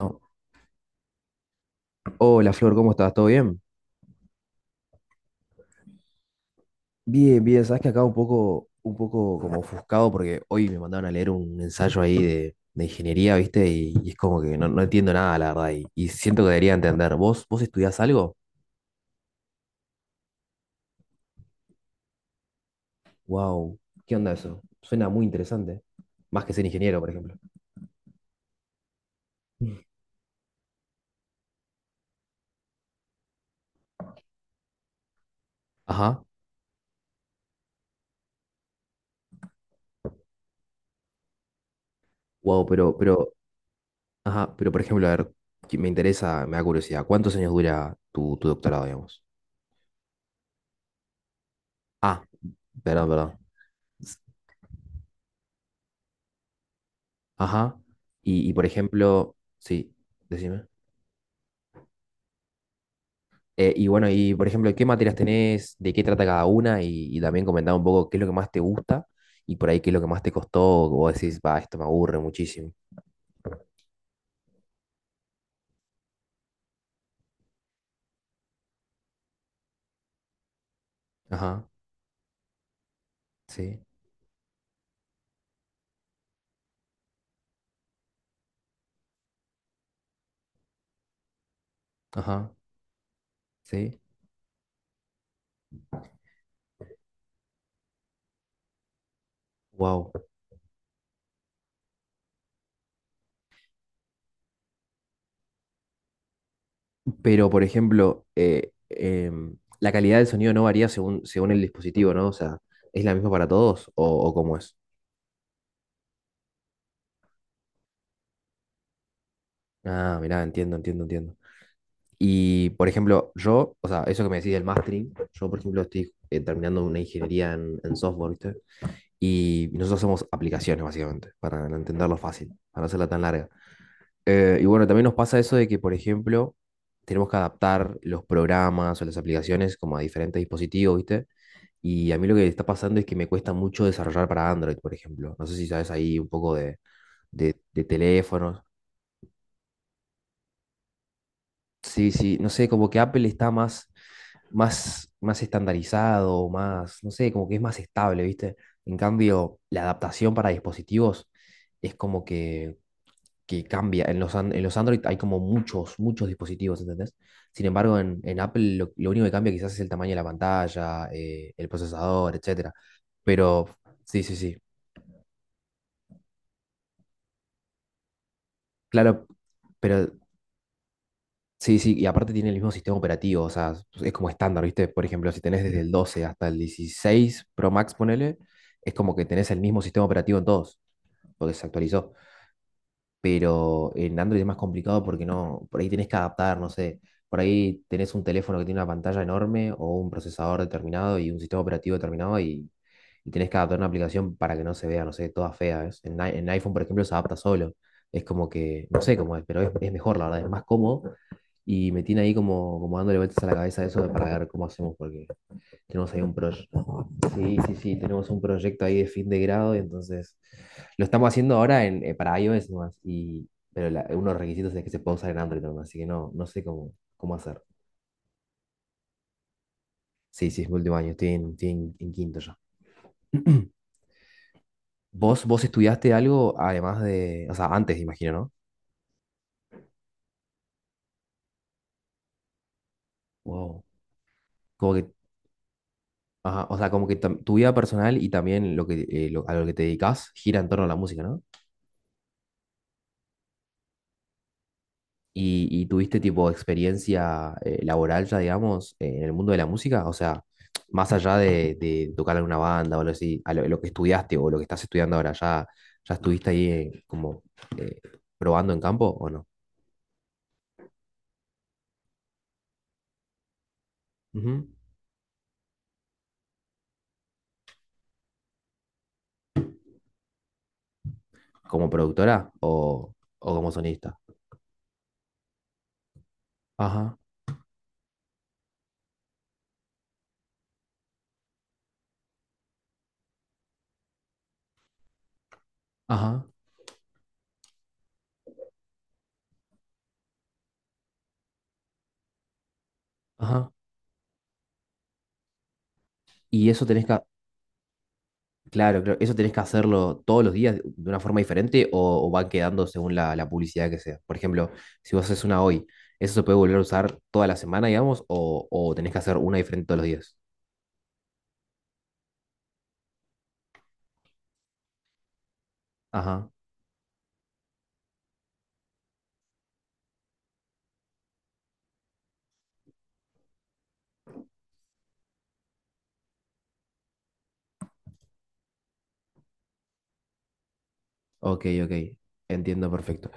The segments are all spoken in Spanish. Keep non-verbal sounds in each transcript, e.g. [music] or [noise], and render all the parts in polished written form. No. Hola Flor, ¿cómo estás? ¿Todo bien? Bien, bien, sabes que acá un poco como ofuscado porque hoy me mandaron a leer un ensayo ahí de ingeniería, ¿viste? Y es como que no, no entiendo nada, la verdad, y siento que debería entender. ¿Vos estudiás algo? Wow, ¿qué onda eso? Suena muy interesante. Más que ser ingeniero, por ejemplo. Ajá. Wow, pero, ajá, pero por ejemplo, a ver, que me interesa, me da curiosidad, ¿cuántos años dura tu doctorado, digamos? Ah, perdón, perdón. Ajá. Y, por ejemplo, sí, decime. Y bueno, y por ejemplo, ¿qué materias tenés? ¿De qué trata cada una? Y también comentar un poco qué es lo que más te gusta y por ahí qué es lo que más te costó. O vos decís, va, esto me aburre muchísimo. Ajá, sí, ajá, sí. Wow. Pero por ejemplo, la calidad del sonido no varía según, según el dispositivo, ¿no? O sea, ¿es la misma para todos o cómo es? Ah, mirá, entiendo, entiendo, entiendo. Y, por ejemplo, yo, o sea, eso que me decís del mastering, yo, por ejemplo, estoy terminando una ingeniería en software, ¿viste? Y nosotros hacemos aplicaciones, básicamente, para entenderlo fácil, para no hacerla tan larga. Y bueno, también nos pasa eso de que, por ejemplo, tenemos que adaptar los programas o las aplicaciones como a diferentes dispositivos, ¿viste? Y a mí lo que está pasando es que me cuesta mucho desarrollar para Android, por ejemplo. No sé si sabes ahí un poco de teléfonos. Sí, sí, no sé, como que Apple está más, más, más estandarizado, más, no sé, como que es más estable, ¿viste? En cambio, la adaptación para dispositivos es como que cambia. En los, an- en los Android hay como muchos, muchos dispositivos, ¿entendés? Sin embargo, en Apple lo único que cambia quizás es el tamaño de la pantalla, el procesador, etcétera. Pero, sí, sí, sí. Claro, pero sí, sí, y aparte tiene el mismo sistema operativo, o sea, es como estándar, ¿viste? Por ejemplo, si tenés desde el 12 hasta el 16 Pro Max, ponele, es como que tenés el mismo sistema operativo en todos, porque se actualizó, pero en Android es más complicado porque no, por ahí tenés que adaptar, no sé, por ahí tenés un teléfono que tiene una pantalla enorme o un procesador determinado y un sistema operativo determinado y tenés que adaptar una aplicación para que no se vea, no sé, toda fea, ¿ves? En, i- en iPhone, por ejemplo, se adapta solo. Es como que, no sé cómo es, pero es mejor, la verdad, es más cómodo. Y me tiene ahí como, como dándole vueltas a la cabeza eso de para ver cómo hacemos, porque tenemos ahí un proyecto. Sí, sí, sí, tenemos un proyecto ahí de fin de grado, y entonces lo estamos haciendo ahora en, para iOS nomás, y, pero la- uno de los requisitos es que se pueda usar en Android nomás, así que no, no sé cómo, cómo hacer. Sí, sí, es mi último año, estoy en, estoy en quinto ya. [clears throat] ¿Vos estudiaste algo además de, o sea, antes, imagino, ¿no? Wow. Como que, ajá, o sea, como que tam- tu vida personal y también lo que, lo- a lo que te dedicas gira en torno a la música, no. ¿Y, y tuviste tipo experiencia laboral ya, digamos, en el mundo de la música? O sea, más allá de tocar en una banda o algo así, a lo que estudiaste o lo que estás estudiando ahora, ¿ya, ya estuviste ahí como eh, probando en campo o no? Ujú. ¿Como productora o como sonista? Ajá, ajá, ajá. ¿Y eso tenés que, claro, claro. ¿Eso tenés que hacerlo todos los días de una forma diferente o van quedando según la, la publicidad que sea? Por ejemplo, si vos haces una hoy, ¿eso se puede volver a usar toda la semana, digamos, o tenés que hacer una diferente todos los días? Ajá, ok, ok. Entiendo perfecto.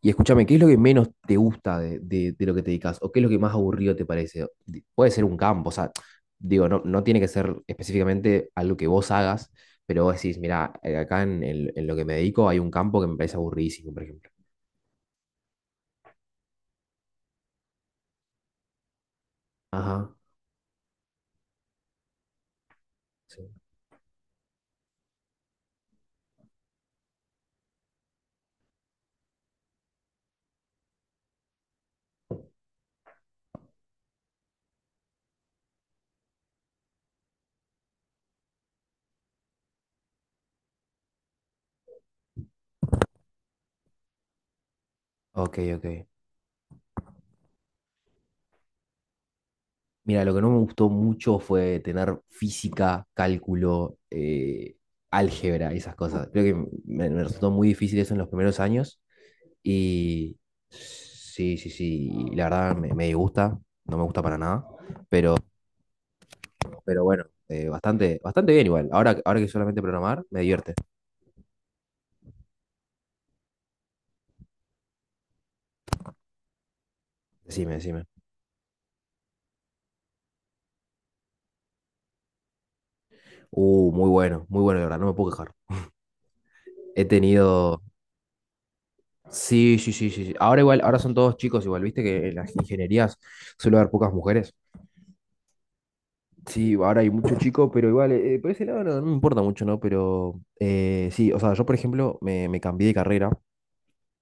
Y escúchame, ¿qué es lo que menos te gusta de lo que te dedicas? ¿O qué es lo que más aburrido te parece? Di- Puede ser un campo, o sea, digo, no, no tiene que ser específicamente algo que vos hagas, pero vos decís, mira, acá en, el- en lo que me dedico hay un campo que me parece aburridísimo, por ejemplo. Ajá. Sí. Ok, ok. Mira, lo que no me gustó mucho fue tener física, cálculo, álgebra esas cosas. Creo que me resultó muy difícil eso en los primeros años. Y sí, sí, sí. y la verdad me, me disgusta, no me gusta para nada. Pero, pero bueno, bastante, bastante bien igual. Ahora, ahora que solamente programar, me divierte. Decime, decime. Muy bueno, muy bueno, la verdad, no me puedo quejar. He tenido. Sí, sí, sí, sí. sí. Ahora igual, ahora son todos chicos igual, viste que en las ingenierías suele haber pocas mujeres. Sí, ahora hay muchos chicos, pero igual, por ese lado no, no me importa mucho, ¿no? Pero sí, o sea, yo por ejemplo me, me cambié de carrera.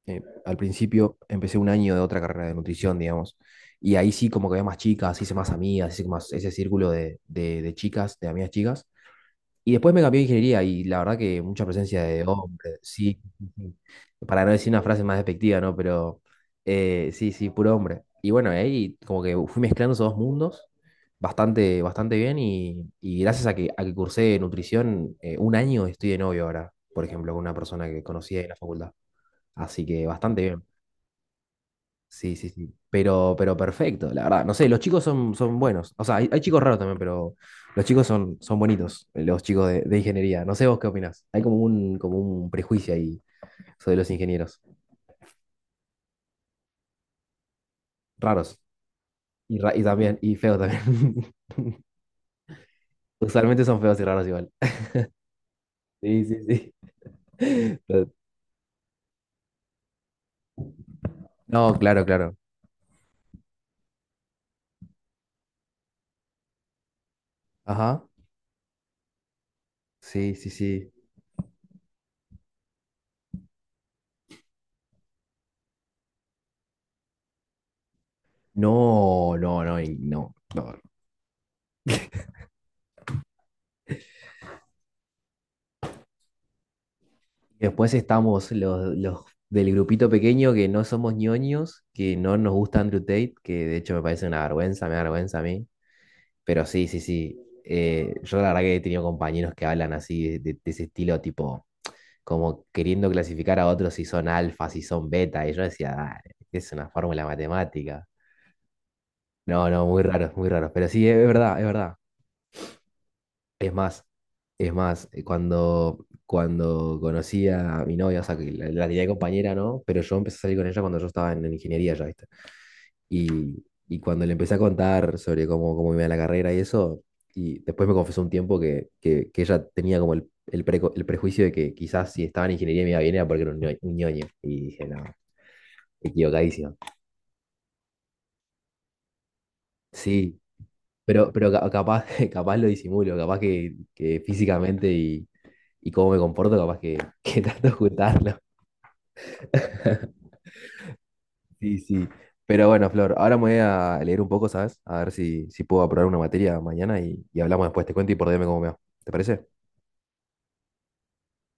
Al principio empecé un año de otra carrera de nutrición, digamos. Y ahí sí como que había más chicas, hice más amigas, hice más ese círculo de chicas, de amigas chicas. Y después me cambió a ingeniería y la verdad que mucha presencia de hombres, sí, sí, sí. para no decir una frase más despectiva, ¿no? Pero sí, sí, puro hombre. Y bueno, ahí como que fui mezclando esos dos mundos bastante, bastante bien y gracias a que cursé nutrición, un año estoy de novio ahora, por ejemplo, con una persona que conocí en la facultad. Así que bastante bien. Sí, sí, sí. Pero perfecto, la verdad. No sé, los chicos son, son buenos. O sea, hay chicos raros también, pero los chicos son, son bonitos, los chicos de ingeniería. No sé vos qué opinás. Hay como un prejuicio ahí sobre los ingenieros. Raros. Y, ra- y también, y feos también. [laughs] Usualmente son feos y raros igual. Sí, sí, sí. [laughs] Pero... No, claro, claro. Ajá. Sí, sí, sí. No, no, no, y no. No, y después estamos los del grupito pequeño que no somos ñoños, que no nos gusta Andrew Tate, que de hecho me parece una vergüenza, me da vergüenza a mí. Pero sí, sí, sí. Yo la verdad que he tenido compañeros que hablan así, de ese estilo, tipo, como queriendo clasificar a otros si son alfa, si son beta. Y yo decía, "Dale, es una fórmula matemática". No, no, muy raro, muy raro. Pero sí, es verdad, es verdad. Es más, es más, cuando, cuando conocí a mi novia, o sea, que la tenía de compañera, ¿no? Pero yo empecé a salir con ella cuando yo estaba en ingeniería ya, ¿viste? Y cuando le empecé a contar sobre cómo, cómo iba la carrera y eso, y después me confesó un tiempo que ella tenía como el, preco- el prejuicio de que quizás si estaba en ingeniería me iba bien era porque era un, ño- un ñoño. Y dije, no, equivocadísimo. Sí, pero ca- capaz, [laughs] capaz lo disimulo, capaz que físicamente y cómo me comporto, capaz que, [laughs] que trato de ocultarlo. [laughs] Sí, sí. Pero bueno, Flor, ahora me voy a leer un poco, ¿sabes? A ver si, si puedo aprobar una materia mañana y hablamos después. Te cuento y por DM cómo me va. ¿Te parece?